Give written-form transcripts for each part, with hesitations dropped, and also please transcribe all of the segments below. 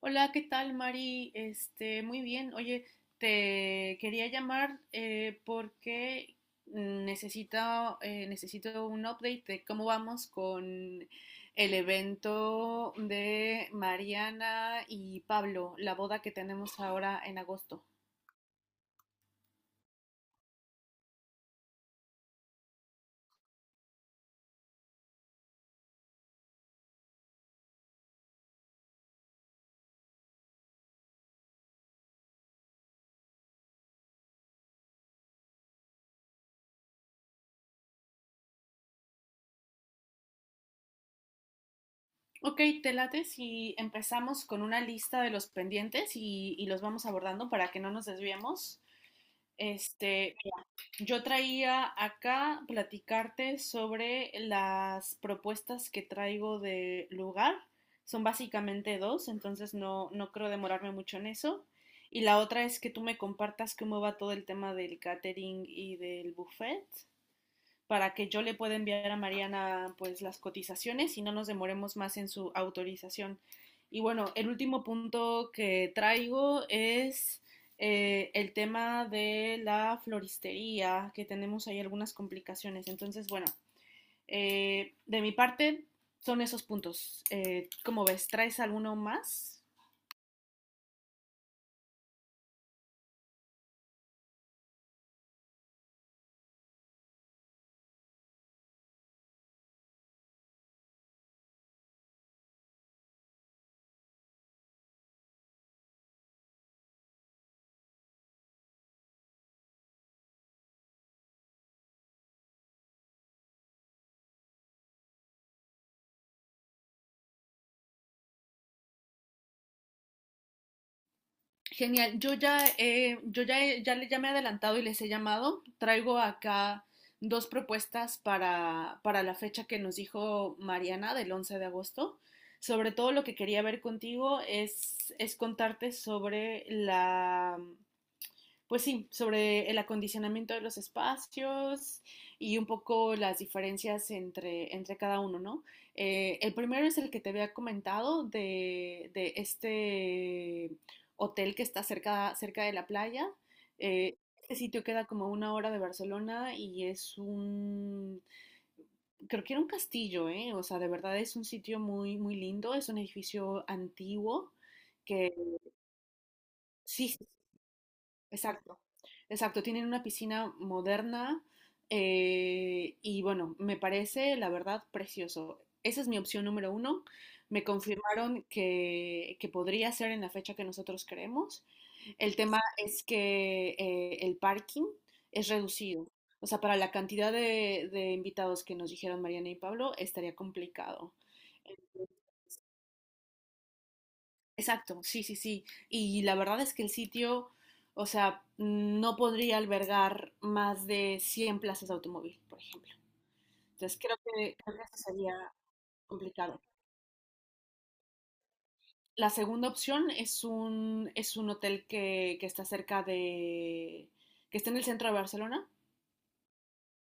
Hola, ¿qué tal, Mari? Este, muy bien. Oye, te quería llamar porque necesito, necesito un update de cómo vamos con el evento de Mariana y Pablo, la boda que tenemos ahora en agosto. Ok, te late si empezamos con una lista de los pendientes y los vamos abordando para que no nos desviemos. Este, yo traía acá platicarte sobre las propuestas que traigo de lugar. Son básicamente dos, entonces no creo demorarme mucho en eso. Y la otra es que tú me compartas cómo va todo el tema del catering y del buffet para que yo le pueda enviar a Mariana pues las cotizaciones y no nos demoremos más en su autorización. Y bueno, el último punto que traigo es el tema de la floristería, que tenemos ahí algunas complicaciones. Entonces, bueno, de mi parte son esos puntos. ¿Cómo ves? ¿Traes alguno más? Genial, ya me he adelantado y les he llamado. Traigo acá dos propuestas para la fecha que nos dijo Mariana del 11 de agosto. Sobre todo lo que quería ver contigo es contarte sobre pues sí, sobre el acondicionamiento de los espacios y un poco las diferencias entre cada uno, ¿no? El primero es el que te había comentado de este hotel que está cerca, cerca de la playa. Eh, este sitio queda como a una hora de Barcelona y creo que era un castillo, ¿eh? O sea, de verdad es un sitio muy, muy lindo, es un edificio antiguo, que sí, sí. Exacto, exacto. Tienen una piscina moderna, y bueno, me parece la verdad precioso. Esa es mi opción número uno. Me confirmaron que podría ser en la fecha que nosotros queremos. El tema es que el parking es reducido. O sea, para la cantidad de invitados que nos dijeron Mariana y Pablo, estaría complicado. Exacto, sí, sí, sí. Y la verdad es que el sitio, o sea, no podría albergar más de 100 plazas de automóvil, por ejemplo. Entonces creo que eso sería complicado. La segunda opción es un hotel que que está en el centro de Barcelona.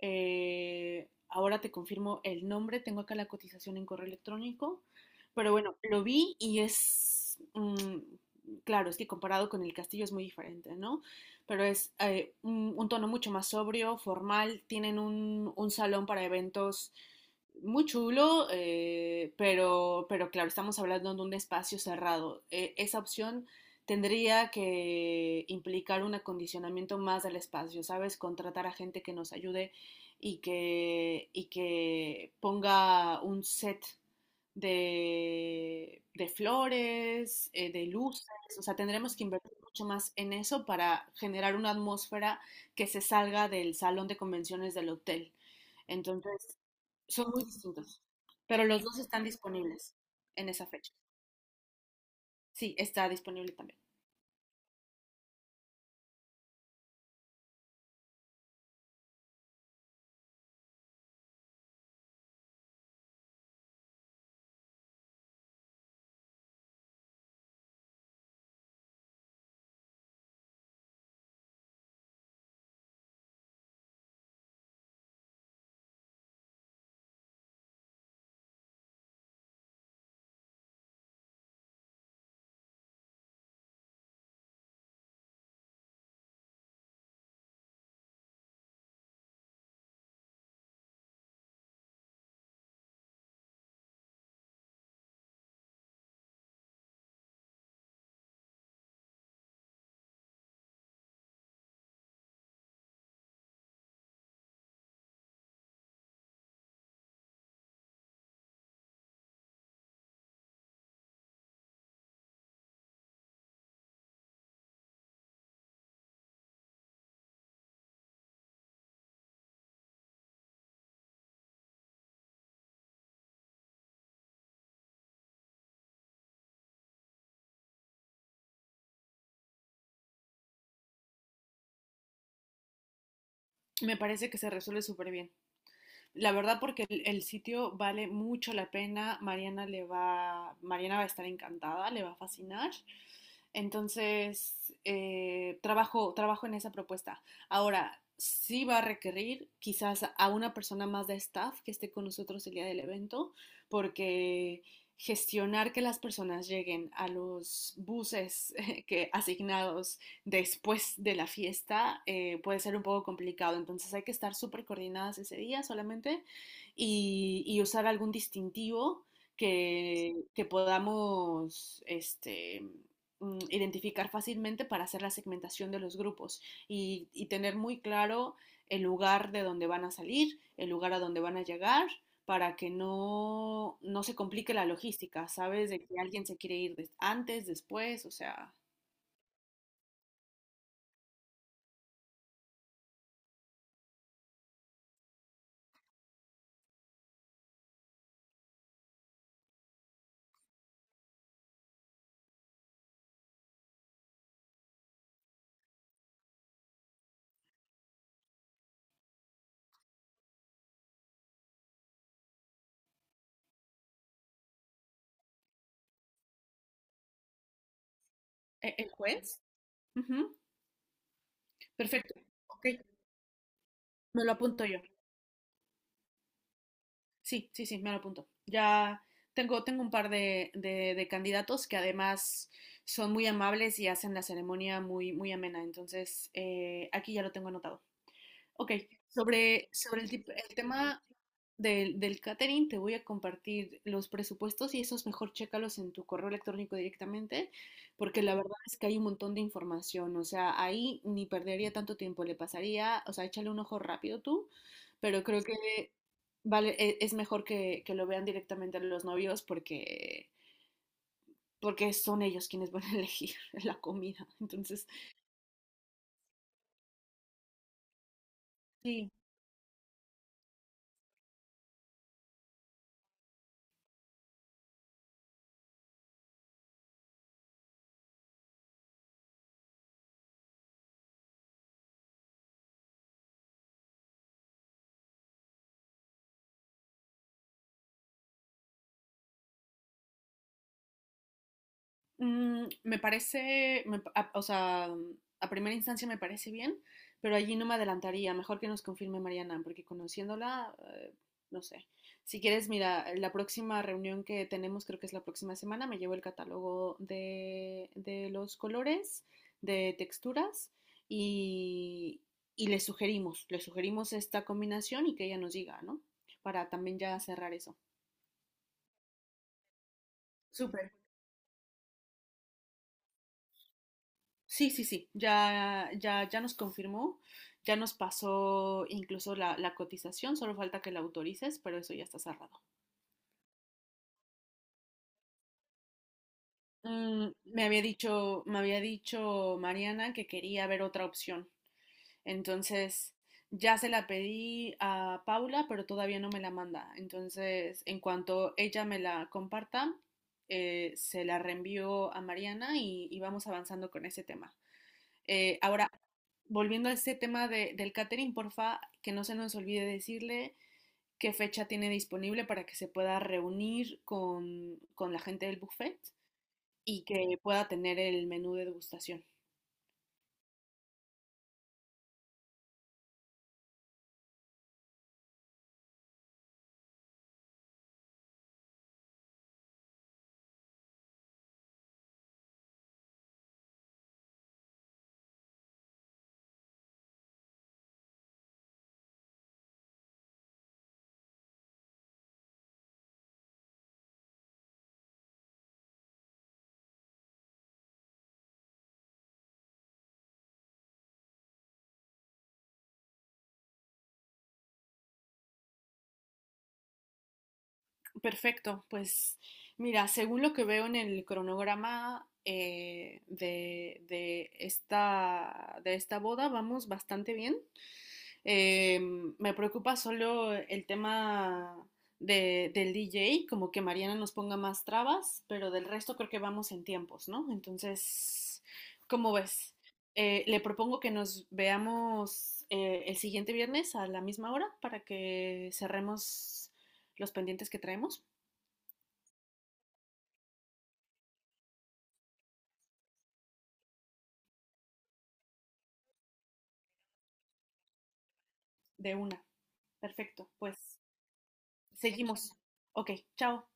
Ahora te confirmo el nombre, tengo acá la cotización en correo electrónico, pero bueno, lo vi y es, claro, es que comparado con el castillo es muy diferente, ¿no? Pero es un tono mucho más sobrio, formal, tienen un salón para eventos muy chulo, pero claro, estamos hablando de un espacio cerrado. Esa opción tendría que implicar un acondicionamiento más del espacio, ¿sabes? Contratar a gente que nos ayude y que ponga un set de flores, de luces, o sea, tendremos que invertir mucho más en eso para generar una atmósfera que se salga del salón de convenciones del hotel. Entonces, son muy distintos, pero los dos están disponibles en esa fecha. Sí, está disponible también. Me parece que se resuelve súper bien. La verdad, porque el sitio vale mucho la pena. Mariana va a estar encantada, le va a fascinar. Entonces, trabajo en esa propuesta. Ahora, sí va a requerir quizás a una persona más de staff que esté con nosotros el día del evento, porque gestionar que las personas lleguen a los buses que asignados después de la fiesta puede ser un poco complicado. Entonces hay que estar súper coordinadas ese día solamente y usar algún distintivo que podamos identificar fácilmente para hacer la segmentación de los grupos y tener muy claro el lugar de donde van a salir, el lugar a donde van a llegar para que no se complique la logística, ¿sabes? De que alguien se quiere ir antes, después, o sea... ¿El juez? Ujú. Perfecto. Ok, me lo apunto yo. Sí, sí, sí, me lo apunto. Ya tengo un par de candidatos que además son muy amables y hacen la ceremonia muy, muy amena. Entonces, aquí ya lo tengo anotado. Ok, sobre el tema, del catering, te voy a compartir los presupuestos y esos mejor chécalos en tu correo electrónico directamente, porque la verdad es que hay un montón de información, o sea, ahí ni perdería tanto tiempo, le pasaría, o sea, échale un ojo rápido tú, pero creo que vale, es mejor que lo vean directamente los novios porque son ellos quienes van a elegir la comida, entonces, sí. Mm, me parece, me pa- a- o sea, a primera instancia me parece bien, pero allí no me adelantaría. Mejor que nos confirme Mariana, porque conociéndola, no sé. Si quieres, mira, la próxima reunión que tenemos, creo que es la próxima semana, me llevo el catálogo de los colores, de texturas, y, y le sugerimos esta combinación y que ella nos diga, ¿no? Para también ya cerrar eso. Súper. Sí, sí, sí, ya, ya, ya nos confirmó, ya nos pasó incluso la cotización, solo falta que la autorices, pero eso ya está cerrado. Me había dicho Mariana que quería ver otra opción. Entonces, ya se la pedí a Paula, pero todavía no me la manda. Entonces, en cuanto ella me la comparta, se la reenvío a Mariana y vamos avanzando con ese tema. Ahora, volviendo a este tema del catering, porfa, que no se nos olvide decirle qué fecha tiene disponible para que se pueda reunir con la gente del buffet y que pueda tener el menú de degustación. Perfecto, pues mira, según lo que veo en el cronograma de esta boda, vamos bastante bien. Eh, Me preocupa solo el tema del DJ, como que Mariana nos ponga más trabas, pero del resto creo que vamos en tiempos, ¿no? Entonces, ¿cómo ves? Le propongo que nos veamos el siguiente viernes a la misma hora para que cerremos los pendientes que traemos de una. Perfecto, pues seguimos. Ok, chao.